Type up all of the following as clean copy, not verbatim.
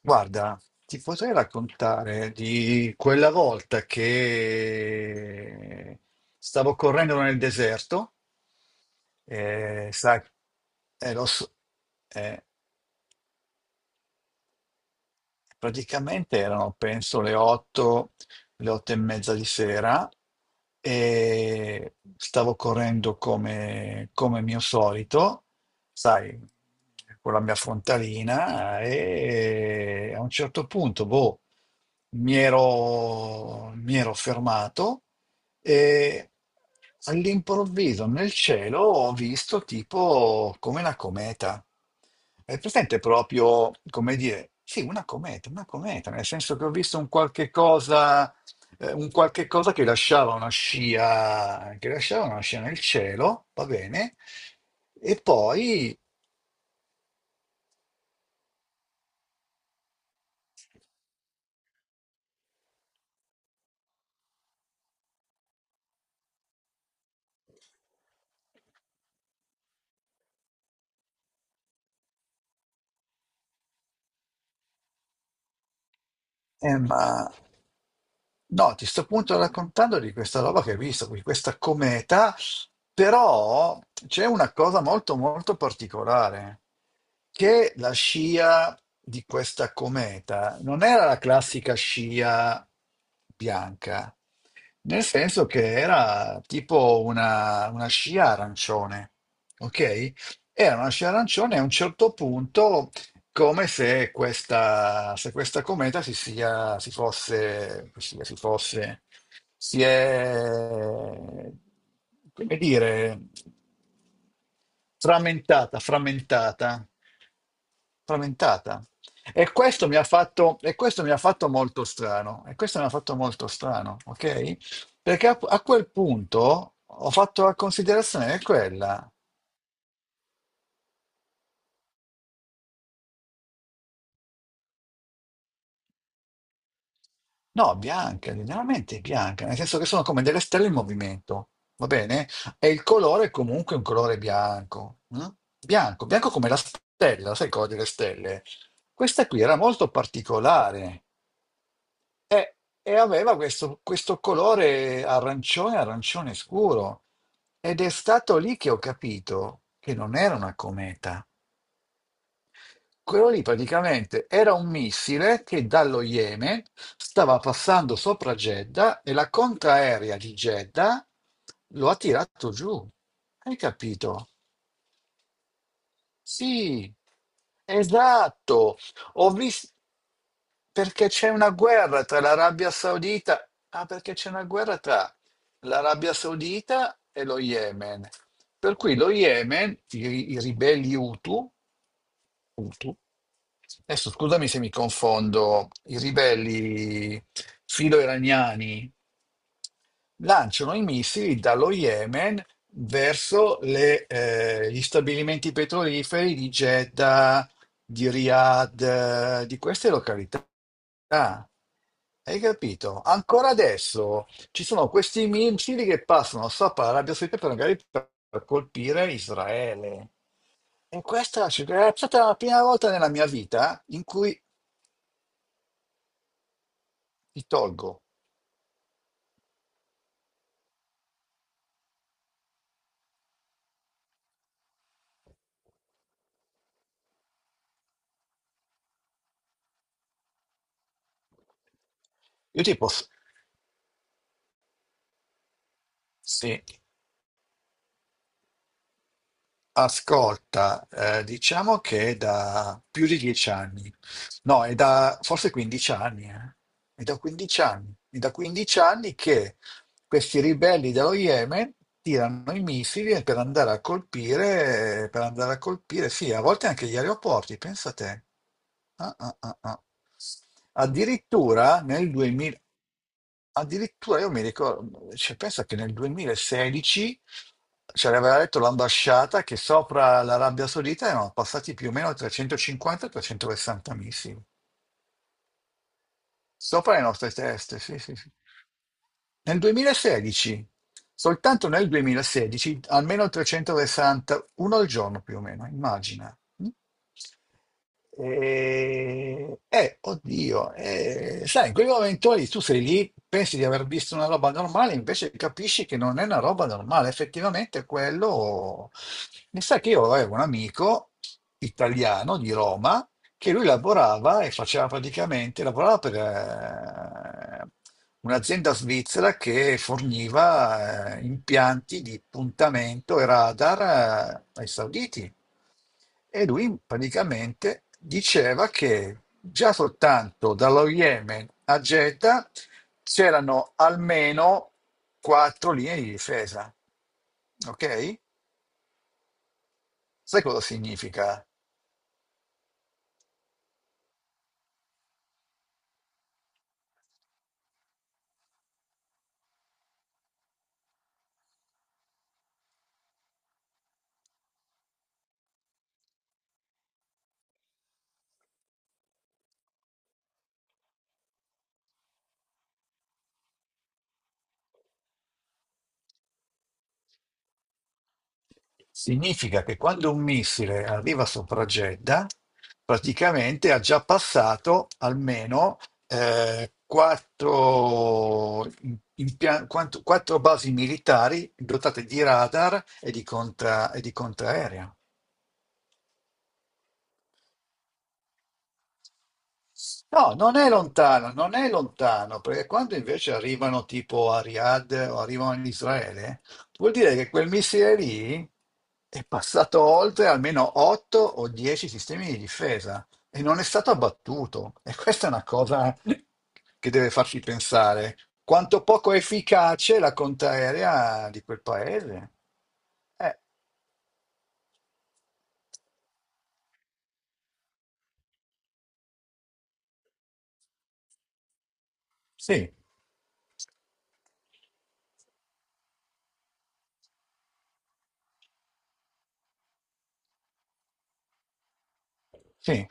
Guarda, ti potrei raccontare di quella volta che stavo correndo nel deserto, sai, e lo so- eh, praticamente erano penso le 8, le 8 e mezza di sera e stavo correndo come mio solito, sai, con la mia frontalina e a un certo punto, boh, mi ero fermato e all'improvviso nel cielo ho visto tipo come una cometa. È presente proprio, come dire, sì, una cometa, nel senso che ho visto un qualche cosa che lasciava una scia, che lasciava una scia nel cielo, va bene, e poi, ma no, ti sto appunto raccontando di questa roba che hai visto, di questa cometa, però c'è una cosa molto molto particolare, che la scia di questa cometa non era la classica scia bianca, nel senso che era tipo una scia arancione, ok? Era una scia arancione e a un certo punto come se se questa cometa si sia, si fosse, si fosse, si è, come dire, frammentata, frammentata, frammentata. E questo mi ha fatto, e questo mi ha fatto molto strano, e questo mi ha fatto molto strano, ok? Perché a quel punto ho fatto la considerazione che quella. No, bianche, generalmente bianca, nel senso che sono come delle stelle in movimento, va bene? E il colore è comunque un colore bianco, mm? Bianco, bianco come la stella, sai cosa delle stelle? Questa qui era molto particolare e aveva questo colore arancione, arancione scuro. Ed è stato lì che ho capito che non era una cometa. Quello lì praticamente era un missile che dallo Yemen stava passando sopra Jeddah e la contraerea di Jeddah lo ha tirato giù. Hai capito? Sì, esatto. Ho visto perché c'è una guerra tra l'Arabia Saudita. Ah, perché c'è una guerra tra l'Arabia Saudita e lo Yemen. Per cui lo Yemen, i ribelli Hutu, punto. Adesso scusami se mi confondo, i ribelli filo-iraniani lanciano i missili dallo Yemen verso gli stabilimenti petroliferi di Jeddah, di Riyadh, di queste località. Hai capito? Ancora adesso ci sono questi missili che passano sopra l'Arabia Saudita per magari per colpire Israele. E questa cioè, è stata la prima volta nella mia vita in cui ti tolgo. Io tipo, s- sì. Ascolta, diciamo che è da più di 10 anni, no, è da forse 15 anni, eh. È da 15 anni, è da 15 anni che questi ribelli dello Yemen tirano i missili per andare a colpire, per andare a colpire, sì, a volte anche gli aeroporti, pensa te. Ah, ah, ah, ah. Addirittura nel Addirittura io mi ricordo, cioè, pensa che nel 2016 ci aveva detto l'ambasciata che sopra l'Arabia Saudita erano passati più o meno 350-360 missili, sopra le nostre teste, sì, sì, sì. Nel 2016, soltanto nel 2016, almeno 360, uno al giorno più o meno, immagina. Mm? E, oddio, sai, in quel momento lì tu sei lì, pensi di aver visto una roba normale, invece capisci che non è una roba normale. Effettivamente quello... Mi sa che io avevo un amico italiano di Roma che lui lavorava e faceva praticamente, lavorava per un'azienda svizzera che forniva impianti di puntamento e radar ai sauditi. E lui praticamente diceva che già soltanto dallo Yemen a Jeddah c'erano almeno quattro linee di difesa. Ok? Sai cosa significa? Significa che quando un missile arriva sopra Jeddah, praticamente ha già passato almeno quattro, im- impia- quanto- quattro basi militari dotate di radar e di contraerea. No, non è lontano, non è lontano, perché quando invece arrivano tipo a Riyadh o arrivano in Israele, vuol dire che quel missile lì è passato oltre almeno 8 o 10 sistemi di difesa e non è stato abbattuto. E questa è una cosa che deve farci pensare. Quanto poco efficace è la contraerea di quel paese? Eh, sì, sì.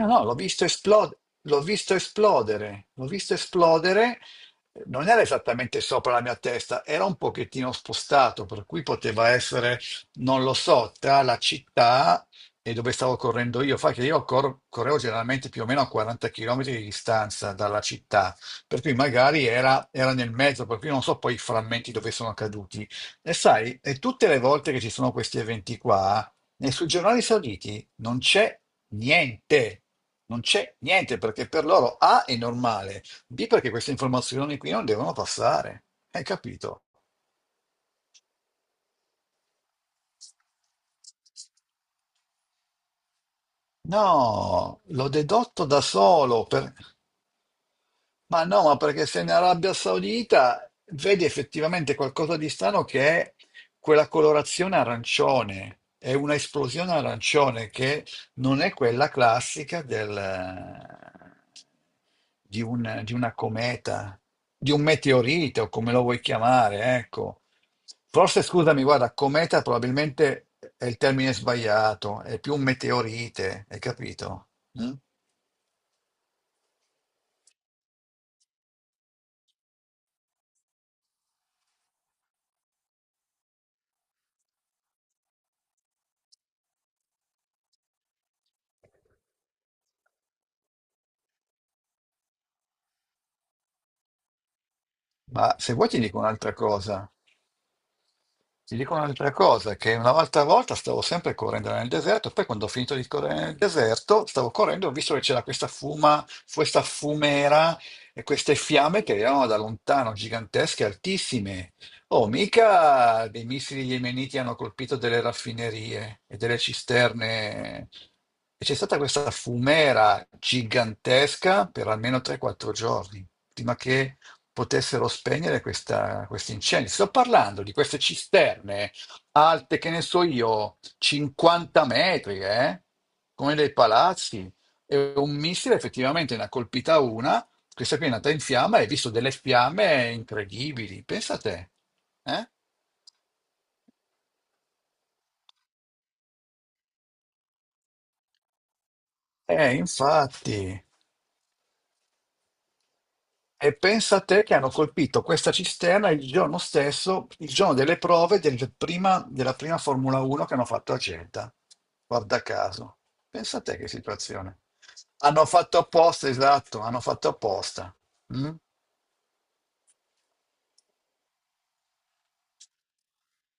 No, no, l'ho visto esplodere, l'ho visto esplodere, l'ho visto esplodere, non era esattamente sopra la mia testa, era un pochettino spostato, per cui poteva essere, non lo so, tra la città e dove stavo correndo io. Fa che io correvo generalmente più o meno a 40 km di distanza dalla città, per cui magari era nel mezzo, per cui non so poi i frammenti dove sono caduti. E sai, e tutte le volte che ci sono questi eventi qua, nei suggerolari sauditi non c'è niente, non c'è niente perché per loro A è normale, B perché queste informazioni qui non devono passare. Hai capito? No, l'ho dedotto da solo. Ma no, ma perché se in Arabia Saudita vedi effettivamente qualcosa di strano che è quella colorazione arancione, è una esplosione arancione che non è quella classica di una cometa, di un meteorite o come lo vuoi chiamare, ecco. Forse, scusami, guarda, cometa probabilmente è il termine sbagliato, è più un meteorite, hai capito? Mm? Ma se vuoi ti dico un'altra cosa. Ti dico un'altra cosa, che una volta a volta stavo sempre correndo nel deserto, poi quando ho finito di correre nel deserto, stavo correndo, ho visto che c'era questa fumera e queste fiamme che erano da lontano, gigantesche, altissime. Oh, mica dei missili yemeniti hanno colpito delle raffinerie e delle cisterne. E c'è stata questa fumera gigantesca per almeno 3-4 giorni, prima che potessero spegnere questi incendi. Sto parlando di queste cisterne alte, che ne so io, 50 metri, eh? Come dei palazzi. E un missile effettivamente ne ha colpita una, questa qui è nata in fiamma e hai visto delle fiamme incredibili. Pensa a te. Eh, Eh, infatti. E pensa a te che hanno colpito questa cisterna il giorno stesso, il giorno delle prove della prima Formula 1 che hanno fatto a Jeddah. Guarda caso. Pensa a te che situazione. Hanno fatto apposta, esatto, hanno fatto apposta. Mm?